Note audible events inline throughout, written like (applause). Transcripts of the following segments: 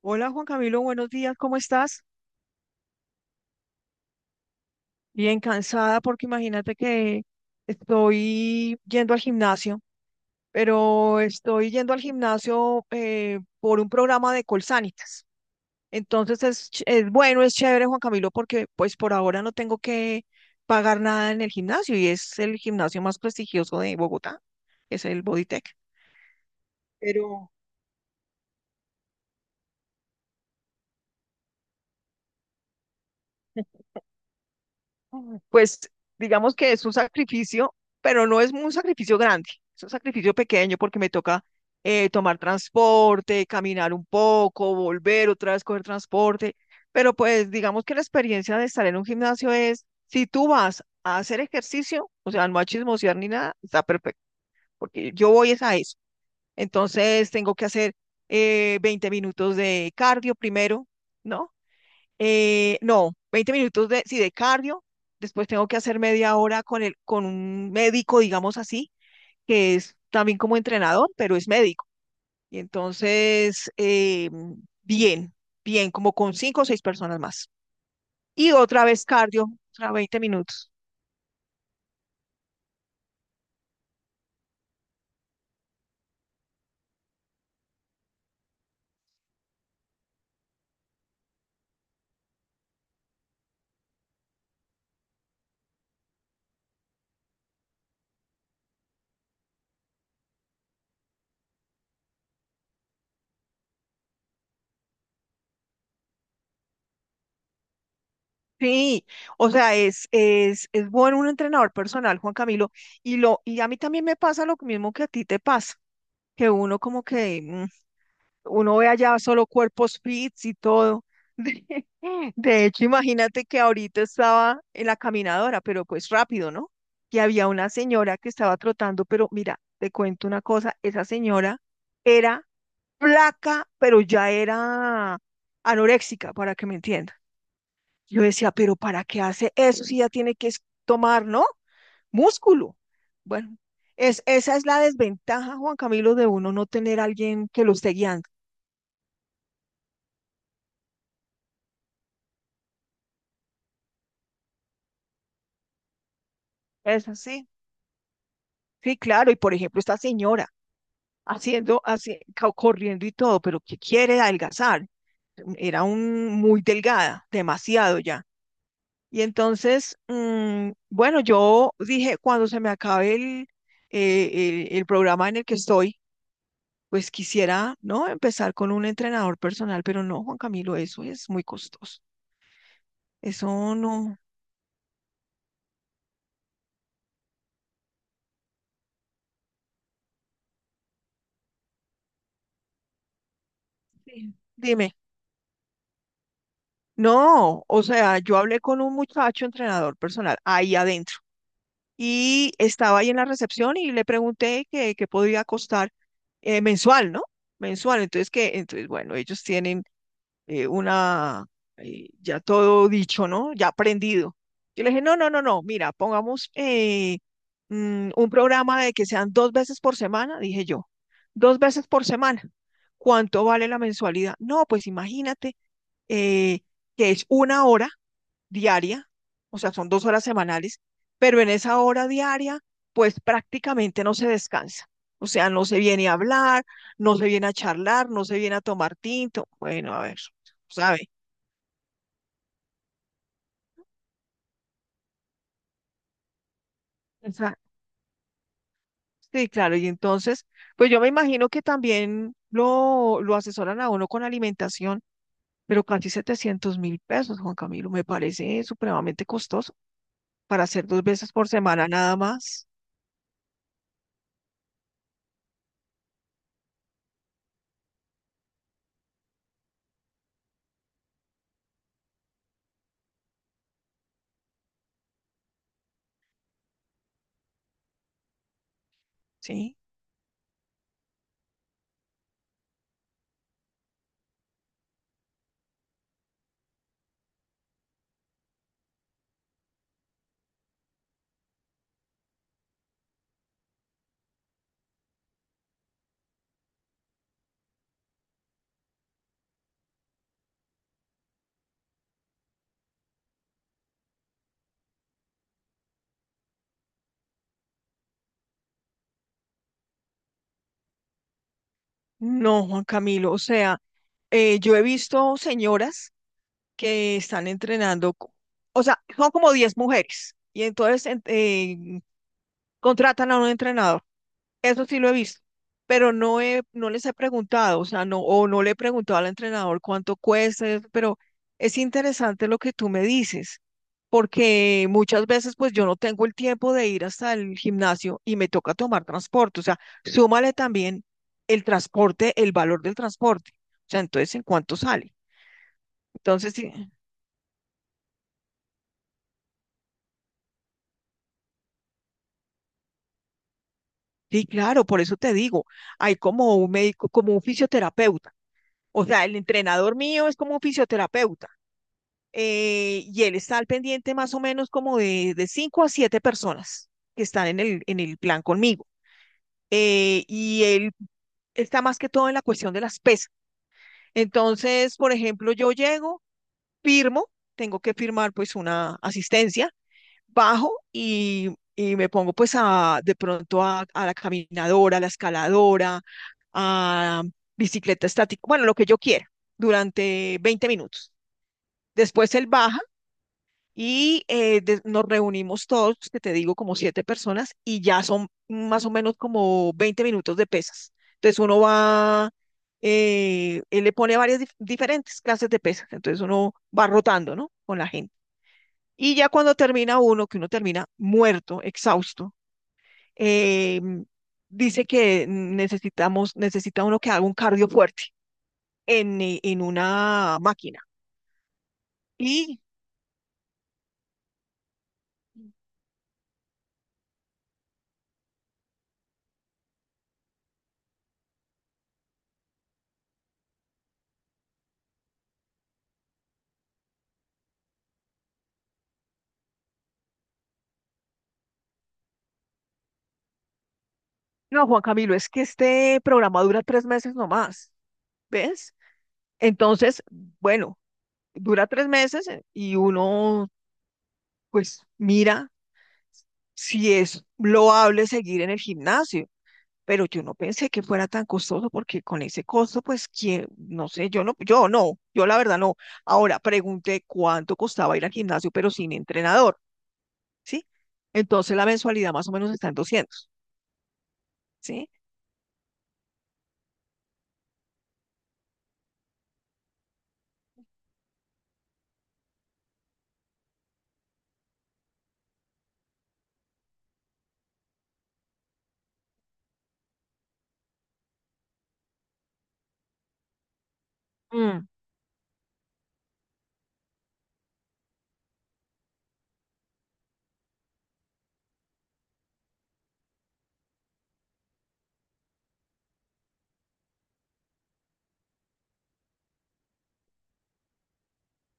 Hola Juan Camilo, buenos días, ¿cómo estás? Bien cansada porque imagínate que estoy yendo al gimnasio, pero estoy yendo al gimnasio por un programa de Colsanitas. Entonces es bueno, es chévere Juan Camilo porque pues por ahora no tengo que pagar nada en el gimnasio y es el gimnasio más prestigioso de Bogotá, es el Bodytech. Pero pues digamos que es un sacrificio, pero no es un sacrificio grande, es un sacrificio pequeño porque me toca tomar transporte, caminar un poco, volver otra vez, coger transporte, pero pues digamos que la experiencia de estar en un gimnasio es, si tú vas a hacer ejercicio, o sea, no a chismosear ni nada, está perfecto, porque yo voy es a eso. Entonces tengo que hacer 20 minutos de cardio primero, ¿no? No, 20 minutos de, sí, de cardio. Después tengo que hacer media hora con un médico, digamos así, que es también como entrenador, pero es médico. Y entonces, bien, bien, como con cinco o seis personas más. Y otra vez cardio, otra 20 minutos. Sí, o sea, es bueno un entrenador personal, Juan Camilo, y a mí también me pasa lo mismo que a ti te pasa, que uno como que, uno ve allá solo cuerpos fits y todo. (laughs) De hecho, imagínate que ahorita estaba en la caminadora, pero pues rápido, ¿no? Y había una señora que estaba trotando, pero mira, te cuento una cosa, esa señora era flaca, pero ya era anoréxica, para que me entiendan. Yo decía, pero ¿para qué hace eso si ya tiene que tomar, ¿no? Músculo. Bueno, esa es la desventaja, Juan Camilo, de uno no tener a alguien que lo esté guiando. Es así. Sí, claro. Y por ejemplo, esta señora corriendo y todo, pero que quiere adelgazar. Muy delgada, demasiado ya. Y entonces, bueno, yo dije, cuando se me acabe el programa en el que estoy, pues quisiera, ¿no? Empezar con un entrenador personal, pero no, Juan Camilo, eso es muy costoso. Eso no. Sí. Dime, no, o sea, yo hablé con un muchacho entrenador personal ahí adentro y estaba ahí en la recepción y le pregunté que podría costar mensual, ¿no? Mensual. Entonces, bueno, ellos tienen eh, una, ya todo dicho, ¿no? Ya aprendido. Yo le dije, no, no, no, no, mira, pongamos un programa de que sean dos veces por semana, dije yo, dos veces por semana. ¿Cuánto vale la mensualidad? No, pues imagínate eh, que es una hora diaria, o sea, son dos horas semanales, pero en esa hora diaria, pues prácticamente no se descansa. O sea, no se viene a hablar, no se viene a charlar, no se viene a tomar tinto. Bueno, a ver, ¿sabe? O sea, sí, claro. Y entonces, pues yo me imagino que también lo asesoran a uno con alimentación, pero casi 700.000 pesos, Juan Camilo, me parece supremamente costoso para hacer dos veces por semana nada más, ¿sí? No, Juan Camilo, o sea, yo he visto señoras que están entrenando, o sea, son como 10 mujeres y entonces contratan a un entrenador. Eso sí lo he visto, pero no les he preguntado, o sea, no, o no le he preguntado al entrenador cuánto cuesta, eso, pero es interesante lo que tú me dices, porque muchas veces pues yo no tengo el tiempo de ir hasta el gimnasio y me toca tomar transporte, o sea, súmale también el transporte, el valor del transporte, o sea, entonces, ¿en cuánto sale? Entonces, sí, sí, claro, por eso te digo, hay como un médico, como un fisioterapeuta. O sea, el entrenador mío es como un fisioterapeuta y él está al pendiente más o menos como de 5 a 7 personas que están en en el plan conmigo. Y él está más que todo en la cuestión de las pesas. Entonces, por ejemplo, yo llego, firmo, tengo que firmar pues una asistencia bajo y me pongo pues a la caminadora, a la escaladora, a bicicleta estática, bueno, lo que yo quiera, durante 20 minutos. Después él baja y nos reunimos todos, que te digo, como 7 personas, y ya son más o menos como 20 minutos de pesas. Entonces uno va, él le pone varias diferentes clases de pesas, entonces uno va rotando, ¿no? Con la gente. Y ya cuando termina uno, que uno termina muerto, exhausto, eh, dice que necesita uno que haga un cardio fuerte en una máquina. Y no, Juan Camilo, es que este programa dura 3 meses nomás, ¿ves? Entonces, bueno, dura 3 meses y uno pues mira si es loable seguir en el gimnasio. Pero yo no pensé que fuera tan costoso porque con ese costo, pues, que no sé, yo la verdad no. Ahora pregunté cuánto costaba ir al gimnasio, pero sin entrenador, ¿sí? Entonces la mensualidad más o menos está en 200. ¿Sí? Mm,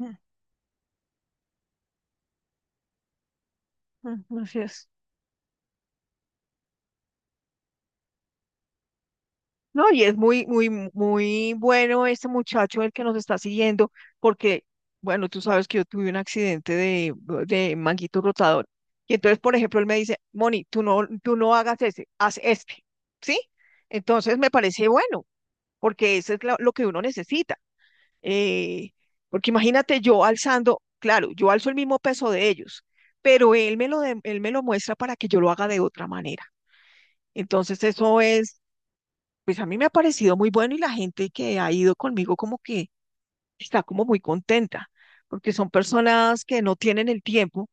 mm, mm, así es. No, y es muy, muy, muy bueno este muchacho el que nos está siguiendo, porque, bueno, tú sabes que yo tuve un accidente de manguito rotador. Y entonces, por ejemplo, él me dice, Moni, tú no hagas ese, haz este, ¿sí? Entonces me parece bueno, porque eso es lo que uno necesita. Eh, porque imagínate yo alzando, claro, yo alzo el mismo peso de ellos, pero él me lo muestra para que yo lo haga de otra manera. Entonces, eso es pues a mí me ha parecido muy bueno y la gente que ha ido conmigo como que está como muy contenta, porque son personas que no tienen el tiempo,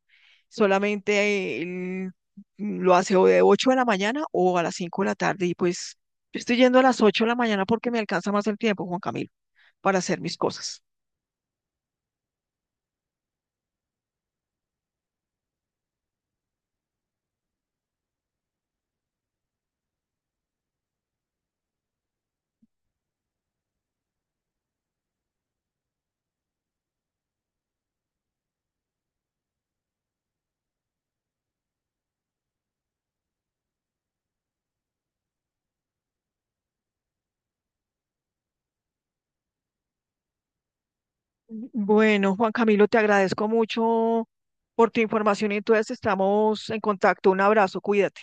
solamente lo hace o de 8 de la mañana o a las 5 de la tarde y pues yo estoy yendo a las 8 de la mañana porque me alcanza más el tiempo, Juan Camilo, para hacer mis cosas. Bueno, Juan Camilo, te agradezco mucho por tu información y entonces estamos en contacto. Un abrazo, cuídate.